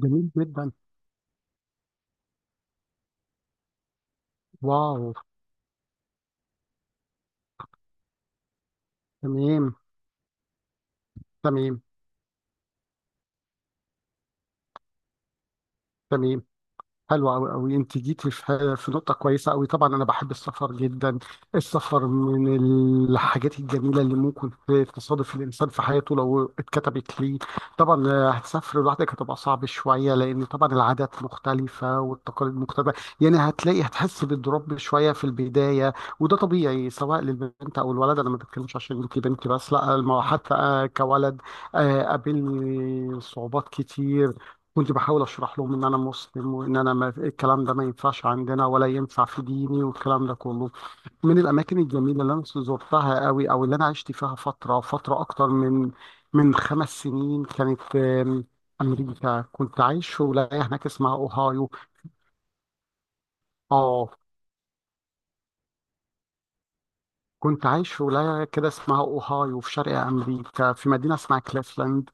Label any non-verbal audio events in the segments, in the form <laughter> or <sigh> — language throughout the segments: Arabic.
جميل جدا. واو. تمام. تمام. تمام. حلو قوي قوي، انت جيتي في نقطه كويسه قوي. طبعا انا بحب السفر جدا. السفر من الحاجات الجميله اللي ممكن تصادف الانسان في حياته لو اتكتبت ليه. طبعا، هتسافر لوحدك، هتبقى صعب شويه لان طبعا العادات مختلفه والتقاليد مختلفه. يعني هتلاقي، هتحس بالضرب شويه في البدايه. وده طبيعي سواء للبنت او الولد. انا ما بتكلمش عشان انت بنتي، بس لا، حتى كولد قابلني صعوبات كتير. كنت بحاول اشرح لهم ان انا مسلم، وان انا ما الكلام ده ما ينفعش عندنا ولا ينفع في ديني والكلام ده كله. من الاماكن الجميله اللي انا زرتها قوي او اللي انا عشت فيها فتره اكتر من 5 سنين كانت امريكا. كنت عايش في ولايه هناك اسمها اوهايو. اه، كنت عايش في ولايه كده اسمها اوهايو في شرق امريكا في مدينه اسمها كليفلاند.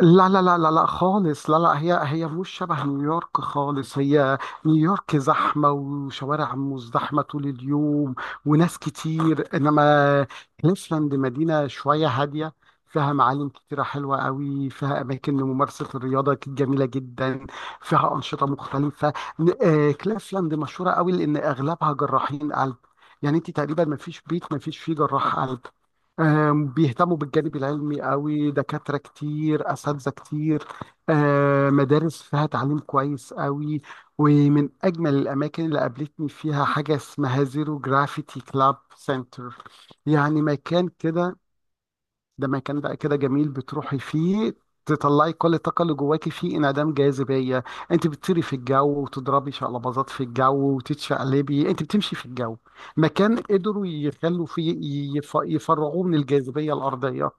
لا خالص، لا، هي مش شبه نيويورك خالص. هي نيويورك زحمة وشوارع مزدحمة طول اليوم وناس كتير، إنما كليفلاند مدينة شوية هادية. فيها معالم كتيرة حلوة قوي، فيها أماكن لممارسة الرياضة جميلة جدا، فيها أنشطة مختلفة. كليفلاند مشهورة قوي لأن أغلبها جراحين قلب. يعني انت تقريبا ما فيش بيت ما فيش فيه جراح قلب. بيهتموا بالجانب العلمي قوي، دكاترة كتير، أساتذة كتير، مدارس فيها تعليم كويس قوي. ومن أجمل الأماكن اللي قابلتني فيها حاجة اسمها زيرو جرافيتي كلاب سنتر. يعني مكان كده، ده مكان بقى كده جميل بتروحي فيه تطلعي كل الطاقة اللي جواكي، فيه انعدام جاذبية. انت بتطيري في الجو وتضربي شقلباظات في الجو وتتشقلبي، انت بتمشي في الجو. مكان قدروا يخلوا فيه، يفرغوه من الجاذبية الأرضية.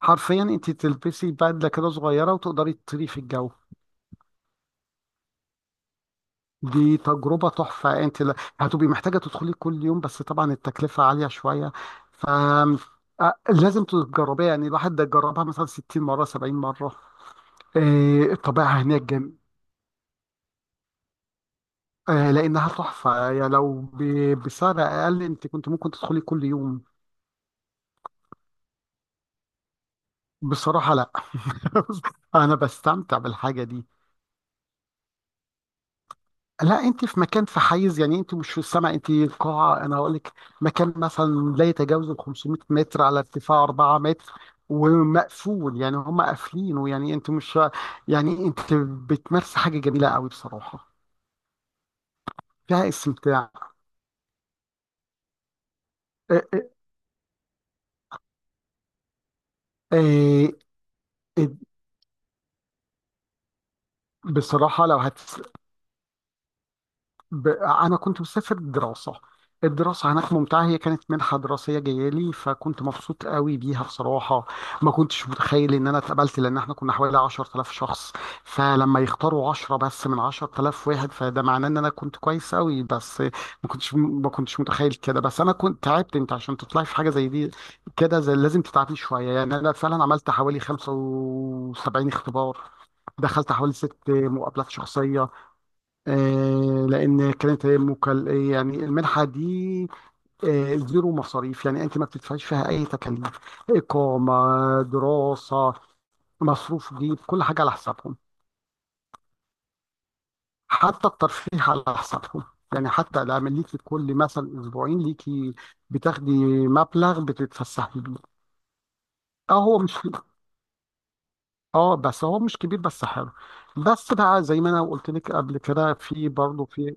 حرفيا انت تلبسي بدلة كده صغيرة وتقدري تطيري في الجو. دي تجربة تحفة، انت هتبقي محتاجة تدخلي كل يوم، بس طبعا التكلفة عالية شوية. ف لازم تجربيها. يعني الواحد ده جربها مثلا 60 مرة، 70 مرة. آه، الطبيعة هناك جم... آه، لأنها تحفة. يعني لو بسعر أقل أنت كنت ممكن تدخلي كل يوم. بصراحة لا. <laughs> أنا بستمتع بالحاجة دي. لا، أنت في مكان، في حيز، يعني أنت مش في السماء، أنت قاعة. أنا هقول لك، مكان مثلا لا يتجاوز ال 500 متر على ارتفاع 4 متر ومقفول. يعني هم قافلينه، يعني أنت مش، يعني أنت بتمارسي حاجة جميلة قوي بصراحة، فيها استمتاع. آه، آه، آه، بصراحة لو ب... انا كنت مسافر دراسه. الدراسه هناك ممتعه. هي كانت منحه دراسيه جايه لي فكنت مبسوط قوي بيها بصراحه. ما كنتش متخيل ان انا اتقبلت لان احنا كنا حوالي 10000 شخص. فلما يختاروا 10 بس من 10000 واحد، فده معناه ان انا كنت كويس قوي. بس ما كنتش متخيل كده. بس انا كنت تعبت. انت عشان تطلعي في حاجه زي دي كده زي لازم تتعبي شويه. يعني انا فعلا عملت حوالي 75 اختبار، دخلت حوالي 6 مقابلات شخصيه. لان كانت هي يعني المنحه دي زيرو مصاريف. يعني انت ما بتدفعيش فيها اي تكاليف: اقامه، دراسه، مصروف جيب، كل حاجه على حسابهم. حتى الترفيه على حسابهم. يعني حتى لما ليكي كل مثلا اسبوعين ليكي بتاخدي مبلغ بتتفسحي بيه. اه هو مش، اه بس هو مش كبير، بس حلو. بس بقى زي ما انا قلت لك قبل كده، في برضه في،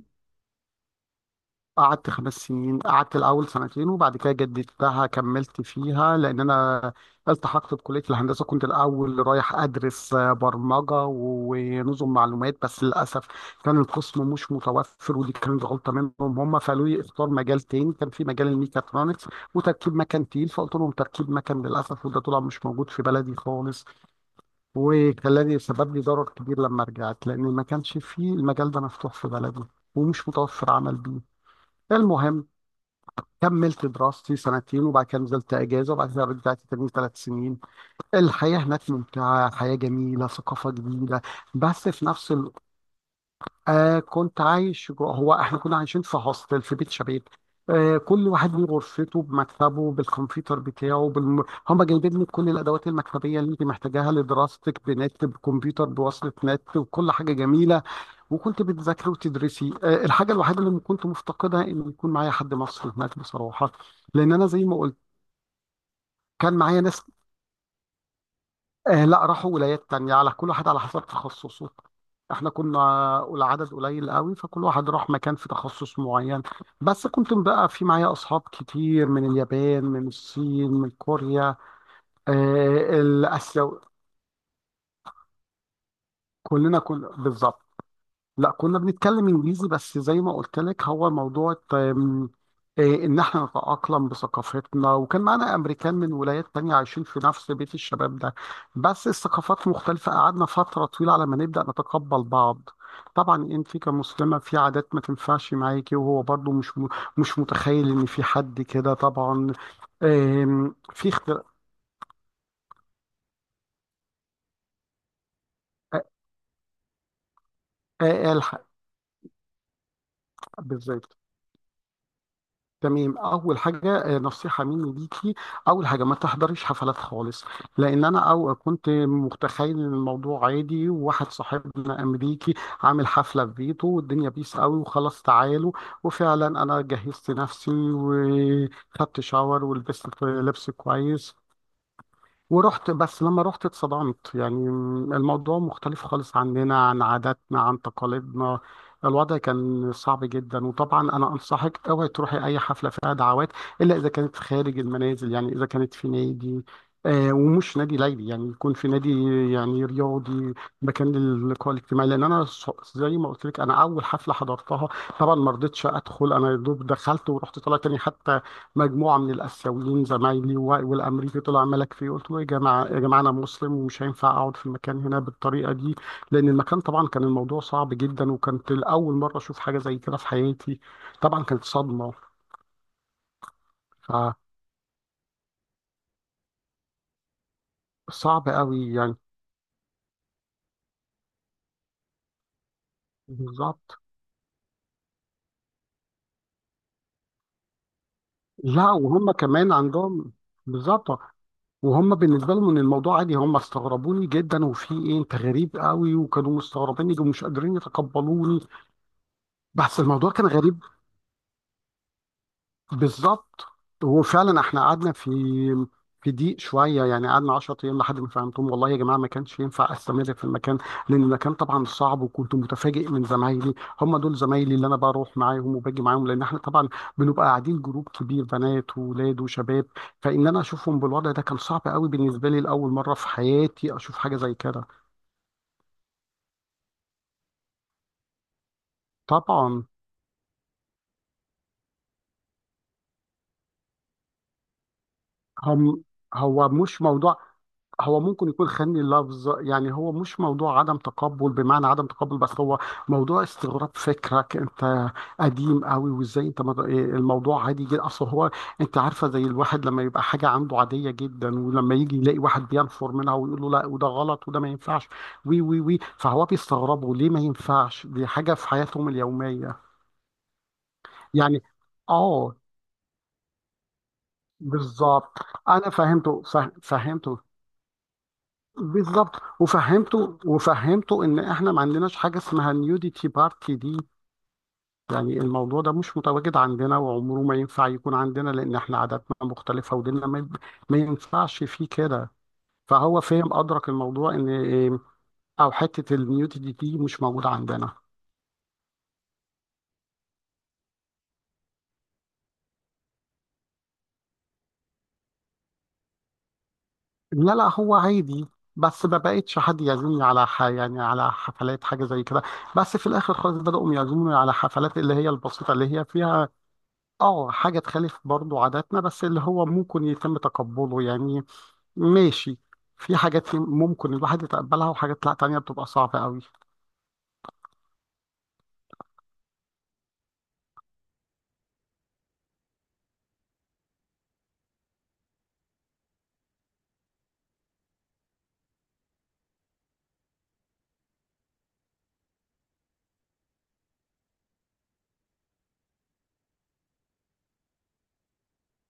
قعدت 5 سنين. قعدت الأول سنتين وبعد كده جددتها كملت فيها، لأن أنا التحقت بكلية الهندسة. كنت الأول رايح أدرس برمجة ونظم معلومات، بس للأسف كان القسم مش متوفر ودي كانت غلطة منهم. هم فقالوا لي اختار مجال تاني، كان في مجال الميكاترونكس وتركيب مكن تقيل، فقلت لهم تركيب مكن. للأسف وده طلع مش موجود في بلدي خالص، وخلاني سبب لي ضرر كبير لما رجعت، لأن ما كانش فيه المجال ده مفتوح في بلدي ومش متوفر عمل بيه. المهم، كملت دراستي سنتين وبعد كده نزلت اجازه وبعد كده رجعت تاني 3 سنين. الحياه هناك ممتعه، حياه جميله، ثقافه جديده، بس في نفس الوقت، آه كنت عايش جوه. هو احنا كنا عايشين في هوستل، في بيت شباب. آه كل واحد من غرفته، بمكتبه، بالكمبيوتر بتاعه، هم جايبين لك كل الادوات المكتبيه اللي انت محتاجاها لدراستك، بنت بكمبيوتر بوصله نت وكل حاجه جميله. وكنت بتذاكري وتدرسي. الحاجة الوحيدة اللي كنت مفتقدها إن يكون معايا حد مصري هناك بصراحة، لأن أنا زي ما قلت. كان معايا ناس، آه لا، راحوا ولايات تانية، على كل واحد على حسب تخصصه. احنا كنا العدد قليل قوي، فكل واحد راح مكان في تخصص معين. بس كنت بقى في معايا أصحاب كتير من اليابان، من الصين، من كوريا، آه الآسيا. كلنا كنا بالظبط، لا كنا بنتكلم انجليزي. بس زي ما قلت لك، هو موضوع آم، إيه، ان احنا نتأقلم بثقافتنا. وكان معانا امريكان من ولايات تانية عايشين في نفس بيت الشباب ده، بس الثقافات مختلفة، قعدنا فترة طويلة على ما نبدأ نتقبل بعض. طبعا انت كمسلمة في عادات ما تنفعش معاكي، وهو برضو مش متخيل ان في حد كده طبعا. في اختلاف. بالظبط. تمام، اول حاجه نصيحه مني ليكي: اول حاجه ما تحضريش حفلات خالص. لان انا او كنت متخيل ان الموضوع عادي، وواحد صاحبنا امريكي عامل حفله في بيته والدنيا بيس قوي وخلاص تعالوا. وفعلا انا جهزت نفسي وخدت شاور ولبست لبس كويس ورحت. بس لما رحت اتصدمت يعني. الموضوع مختلف خالص عننا، عن عاداتنا، عن تقاليدنا. الوضع كان صعب جدا، وطبعا انا انصحك اوعي تروحي اي حفله فيها دعوات، الا اذا كانت خارج المنازل. يعني اذا كانت في نادي، آه ومش نادي ليلي، يعني يكون في نادي يعني رياضي، مكان للقاء الاجتماعي. لان انا زي ما قلت لك، انا اول حفله حضرتها طبعا ما رضيتش ادخل. انا يا دوب دخلت ورحت طالع تاني. حتى مجموعه من الاسيويين زمايلي والامريكي طلع ملك فيه. قلت له يا جماعه، يا جماعه، انا مسلم ومش هينفع اقعد في المكان هنا بالطريقه دي. لان المكان طبعا كان الموضوع صعب جدا، وكانت اول مره اشوف حاجه زي كده في حياتي. طبعا كانت صدمه، فصعب قوي يعني. بالظبط. لا، وهم كمان عندهم. بالظبط، وهم بالنسبه لهم ان الموضوع عادي. هم استغربوني جدا، وفي ايه انت غريب قوي، وكانوا مستغربيني ومش قادرين يتقبلوني. بس الموضوع كان غريب. بالظبط. وفعلا احنا قعدنا في ضيق شويه، يعني قعدنا 10 ايام لحد ما فهمتهم والله يا جماعه ما كانش ينفع استمر في المكان. لان المكان طبعا صعب، وكنت متفاجئ من زمايلي، هم دول زمايلي اللي انا بروح معاهم وباجي معاهم. لان احنا طبعا بنبقى قاعدين جروب كبير، بنات واولاد وشباب، فان انا اشوفهم بالوضع ده كان صعب قوي بالنسبه لي. لاول مره في حياتي اشوف حاجه زي كده. طبعا. هم، هو مش موضوع، هو ممكن يكون خني اللفظ. يعني هو مش موضوع عدم تقبل بمعنى عدم تقبل، بس هو موضوع استغراب. فكرك انت قديم قوي، وازاي انت إيه الموضوع عادي جدا. اصل هو، انت عارفه، زي الواحد لما يبقى حاجه عنده عاديه جدا، ولما يجي يلاقي واحد بينفر منها ويقول له لا وده غلط وده ما ينفعش، وي وي وي، فهو بيستغربه. ليه ما ينفعش؟ دي حاجه في حياتهم اليوميه يعني. اه، بالظبط. انا فهمته فهمته. بالظبط وفهمته. وفهمته ان احنا ما عندناش حاجه اسمها نيوديتي بارتي دي. يعني الموضوع ده مش متواجد عندنا وعمره ما ينفع يكون عندنا، لان احنا عاداتنا مختلفه وديننا ما ينفعش فيه كده. فهو فهم، ادرك الموضوع ان او حته النيوديتي دي مش موجوده عندنا. لا لا، هو عادي، بس ما بقتش حد يعزمني على يعني على حفلات حاجه زي كده. بس في الاخر خالص بداوا يعزموني على حفلات اللي هي البسيطه، اللي هي فيها اه حاجة تخالف برضو عاداتنا بس اللي هو ممكن يتم تقبله يعني. ماشي. في حاجات ممكن الواحد يتقبلها وحاجات لا، تانية بتبقى صعبة قوي.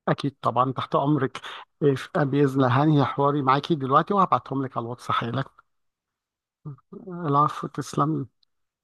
أكيد طبعا، تحت أمرك. بإذن الله هنهي حواري معاكي دلوقتي وهبعتهم لك على الواتس حالا. العفو، تسلم.